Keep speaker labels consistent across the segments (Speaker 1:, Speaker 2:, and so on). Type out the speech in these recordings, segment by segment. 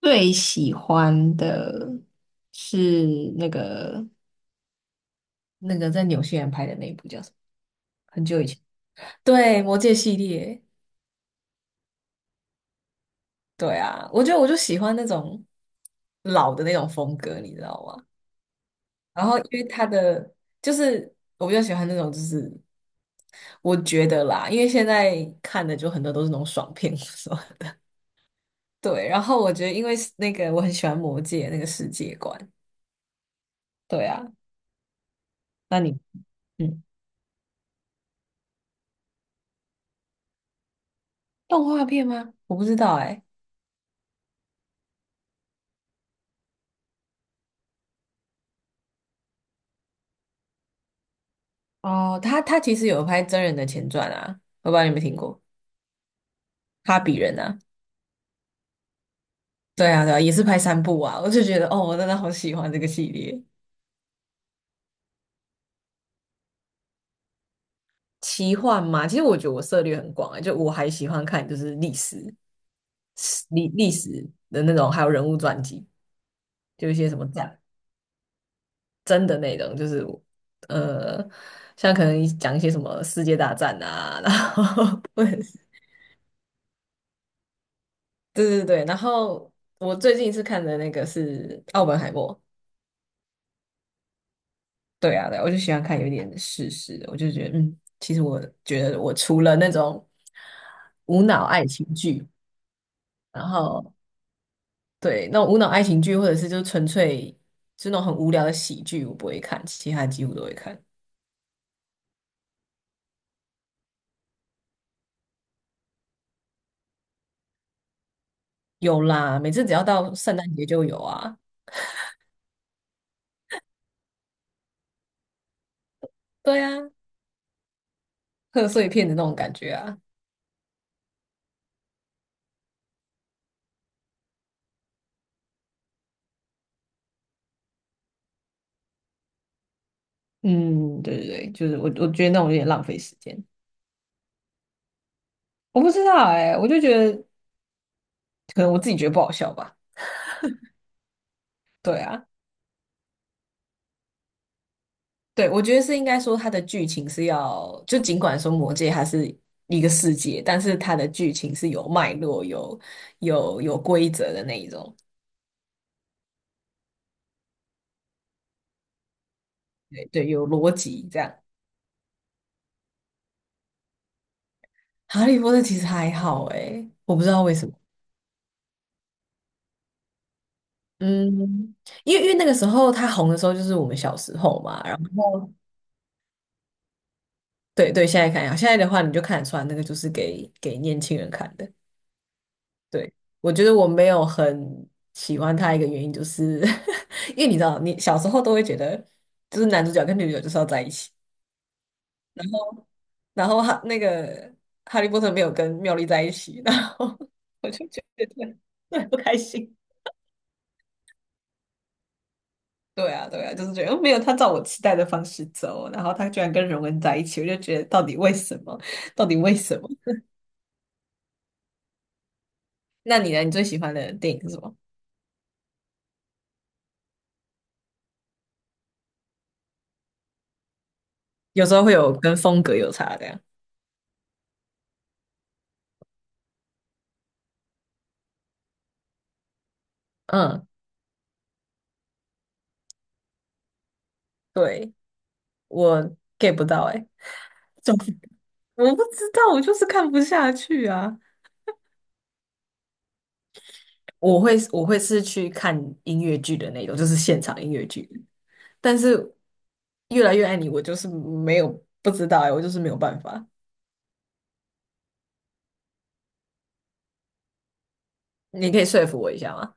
Speaker 1: 最喜欢的是那个在纽西兰拍的那一部叫什么？很久以前。对，魔戒系列，对啊，我觉得我就喜欢那种老的那种风格，你知道吗？然后因为它的就是我比较喜欢那种，就是我觉得啦，因为现在看的就很多都是那种爽片，是吧？对，然后我觉得因为是那个我很喜欢魔戒那个世界观，对啊，那你嗯，动画片吗？我不知道哎、哦，他其实有拍真人的前传啊，我不知道你有没有听过《哈比人》啊？对啊，对啊，也是拍三部啊，我就觉得哦，我真的好喜欢这个系列。奇幻嘛，其实我觉得我涉猎很广欸，就我还喜欢看就是历史、历史的那种，还有人物传记，就一些什么战真的内容，就是呃，像可能讲一些什么世界大战啊，然后 或者是 对对对，然后我最近是看的那个是《奥本海默》，对啊，对啊我就喜欢看有点事实的，我就觉得，嗯，其实我觉得我除了那种无脑爱情剧，然后对那种无脑爱情剧，或者是就纯粹就那种很无聊的喜剧，我不会看，其他几乎都会看。有啦，每次只要到圣诞节就有啊，对啊，贺岁片的那种感觉啊，嗯，对对对，就是我觉得那种有点浪费时间，我不知道哎、我就觉得可能我自己觉得不好笑吧，对啊。对，我觉得是应该说它的剧情是要，就尽管说《魔界它是一个世界，但是它的剧情是有脉络、有规则的那一种，对对，有逻辑这样。《哈利波特》其实还好诶，我不知道为什么，嗯，因为那个时候它红的时候就是我们小时候嘛，然后对对，现在看一下，现在的话你就看得出来，那个就是给年轻人看的。对，我觉得我没有很喜欢他一个原因，就是 因为你知道，你小时候都会觉得，就是男主角跟女主角就是要在一起，然后那个哈利波特没有跟妙丽在一起，然后 我就觉得对不开心。对啊，对啊，就是觉得没有他照我期待的方式走，然后他居然跟荣恩在一起，我就觉得到底为什么？到底为什么？那你呢？你最喜欢的电影是什么？有时候会有跟风格有差的呀。嗯，对。我 get 不到哎、总我不知道，我就是看不下去啊。我会是去看音乐剧的那种，就是现场音乐剧。但是越来越爱你，我就是没有不知道哎、我就是没有办法。你可以说服我一下吗？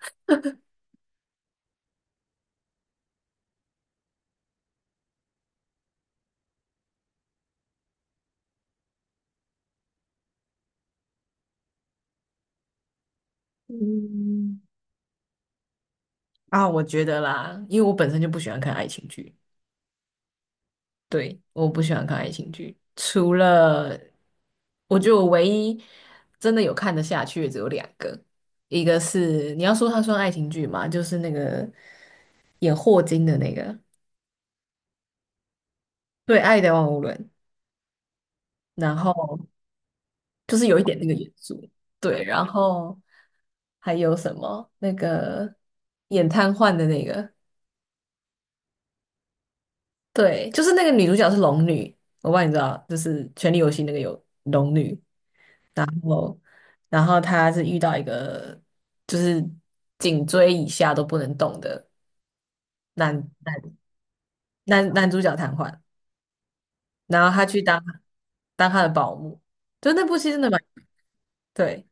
Speaker 1: 嗯，啊，我觉得啦，因为我本身就不喜欢看爱情剧，对，我不喜欢看爱情剧，除了我觉得我唯一真的有看得下去的只有两个，一个是你要说它算爱情剧嘛，就是那个演霍金的那个《对爱的万物论》，然后就是有一点那个元素，对，然后还有什么那个演瘫痪的那个，对，就是那个女主角是龙女，我不知道你知道，就是《权力游戏》那个有龙女，然后然后她是遇到一个就是颈椎以下都不能动的男男男主角瘫痪，然后她去当他的保姆，就那部戏真的蛮对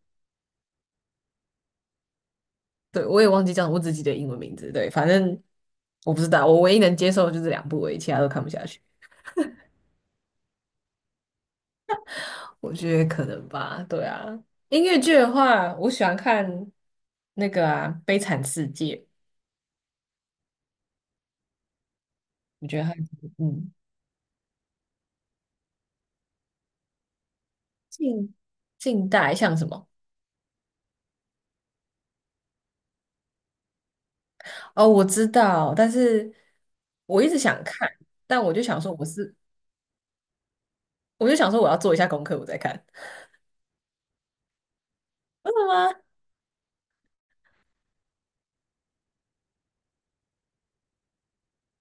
Speaker 1: 对，我也忘记叫什么我自己的英文名字，对，反正我不知道，我唯一能接受就是两部而已，其他都看不下去。我觉得可能吧，对啊。音乐剧的话，我喜欢看那个啊《悲惨世界》，我觉得它嗯，近近代像什么？哦，我知道，但是我一直想看，但我就想说我是，我就想说我要做一下功课，我再看。真的吗？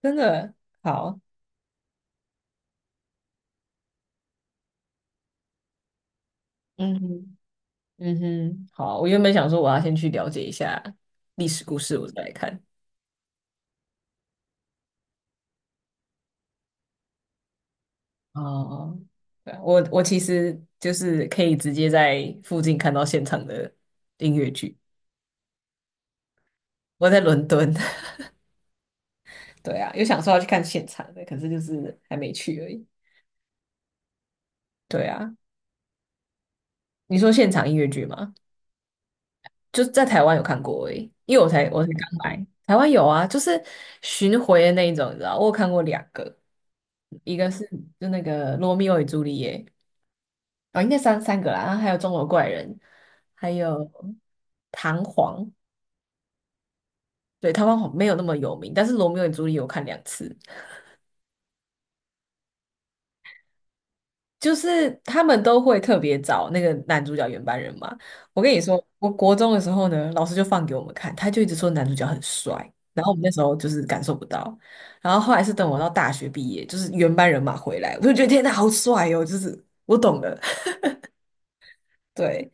Speaker 1: 真的好，嗯哼，嗯哼，好。我原本想说我要先去了解一下历史故事，我再来看。哦，哦对啊我其实就是可以直接在附近看到现场的音乐剧。我在伦敦，对啊，有想说要去看现场的，可是就是还没去而已。对啊，你说现场音乐剧吗？就是在台湾有看过而已因为我才刚来，台湾有啊，就是巡回的那一种，你知道，我有看过两个，一个是就那个《罗密欧与朱丽叶》，哦，应该三个啦，然后还有《钟楼怪人》，还有《唐璜》，对，台湾好没有那么有名，但是《罗密欧与朱丽叶》我看两次，就是他们都会特别找那个男主角原班人马。我跟你说，我国中的时候呢，老师就放给我们看，他就一直说男主角很帅，然后我们那时候就是感受不到，然后后来是等我到大学毕业，就是原班人马回来，我就觉得天呐，好帅哦！就是我懂了，对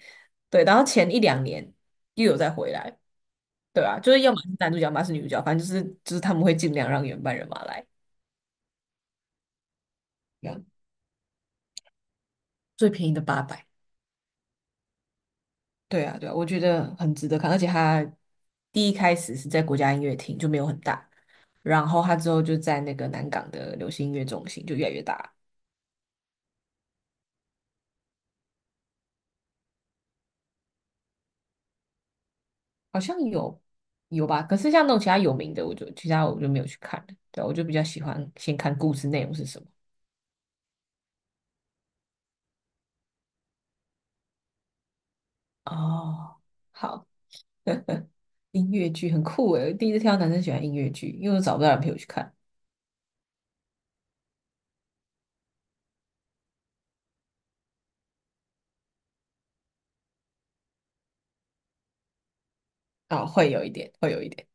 Speaker 1: 对，然后前一两年又有再回来，对吧、就是要么是男主角，要么是女主角，反正就是他们会尽量让原班人马来，这样最便宜的800。对啊，对啊，我觉得很值得看，而且他第一开始是在国家音乐厅，就没有很大，然后他之后就在那个南港的流行音乐中心就越来越大，好像有吧，可是像那种其他有名的，我就其他我就没有去看了，对啊我就比较喜欢先看故事内容是什么。哦，好，音乐剧很酷诶，我第一次听到男生喜欢音乐剧，因为我找不到人陪我去看，啊、会有一点，会有一点，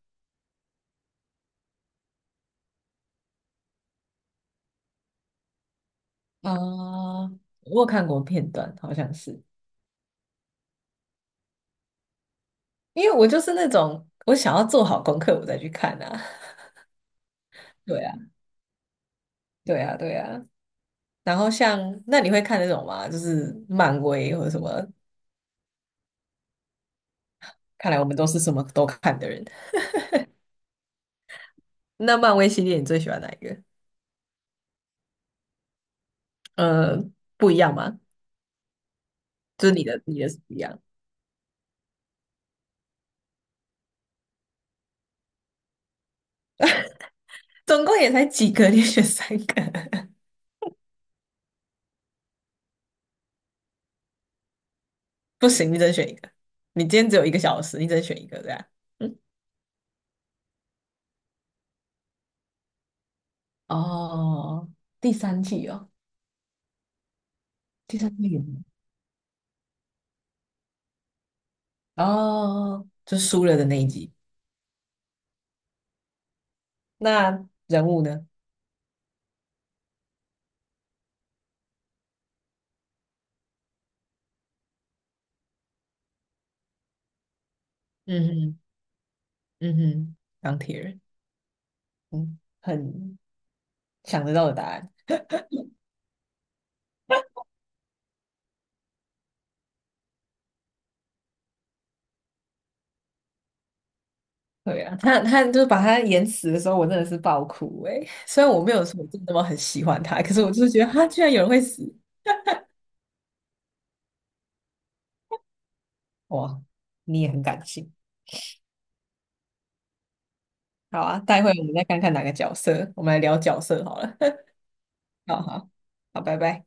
Speaker 1: 啊、我有看过片段，好像是。因为我就是那种我想要做好功课我再去看啊。对啊，对啊，对啊。然后像那你会看那种吗？就是漫威或者什么？看来我们都是什么都看的人。那漫威系列你最喜欢哪一个？呃，不一样吗？就是你的是不一样，总共也才几个，你选三个，不行，你只能选一个。你今天只有一个小时，你只能选一个，这样。嗯，哦，第三季哦，第三季有吗哦，就输了的那一集。那人物呢？嗯哼，嗯哼，钢铁人，嗯，很想得到的答案。对啊，他就是把他演死的时候，我真的是爆哭诶、虽然我没有说我真的那么很喜欢他，可是我就是觉得他居然有人会死，哇！你也很感性。好啊，待会我们再看看哪个角色，我们来聊角色好了。好好好，拜拜。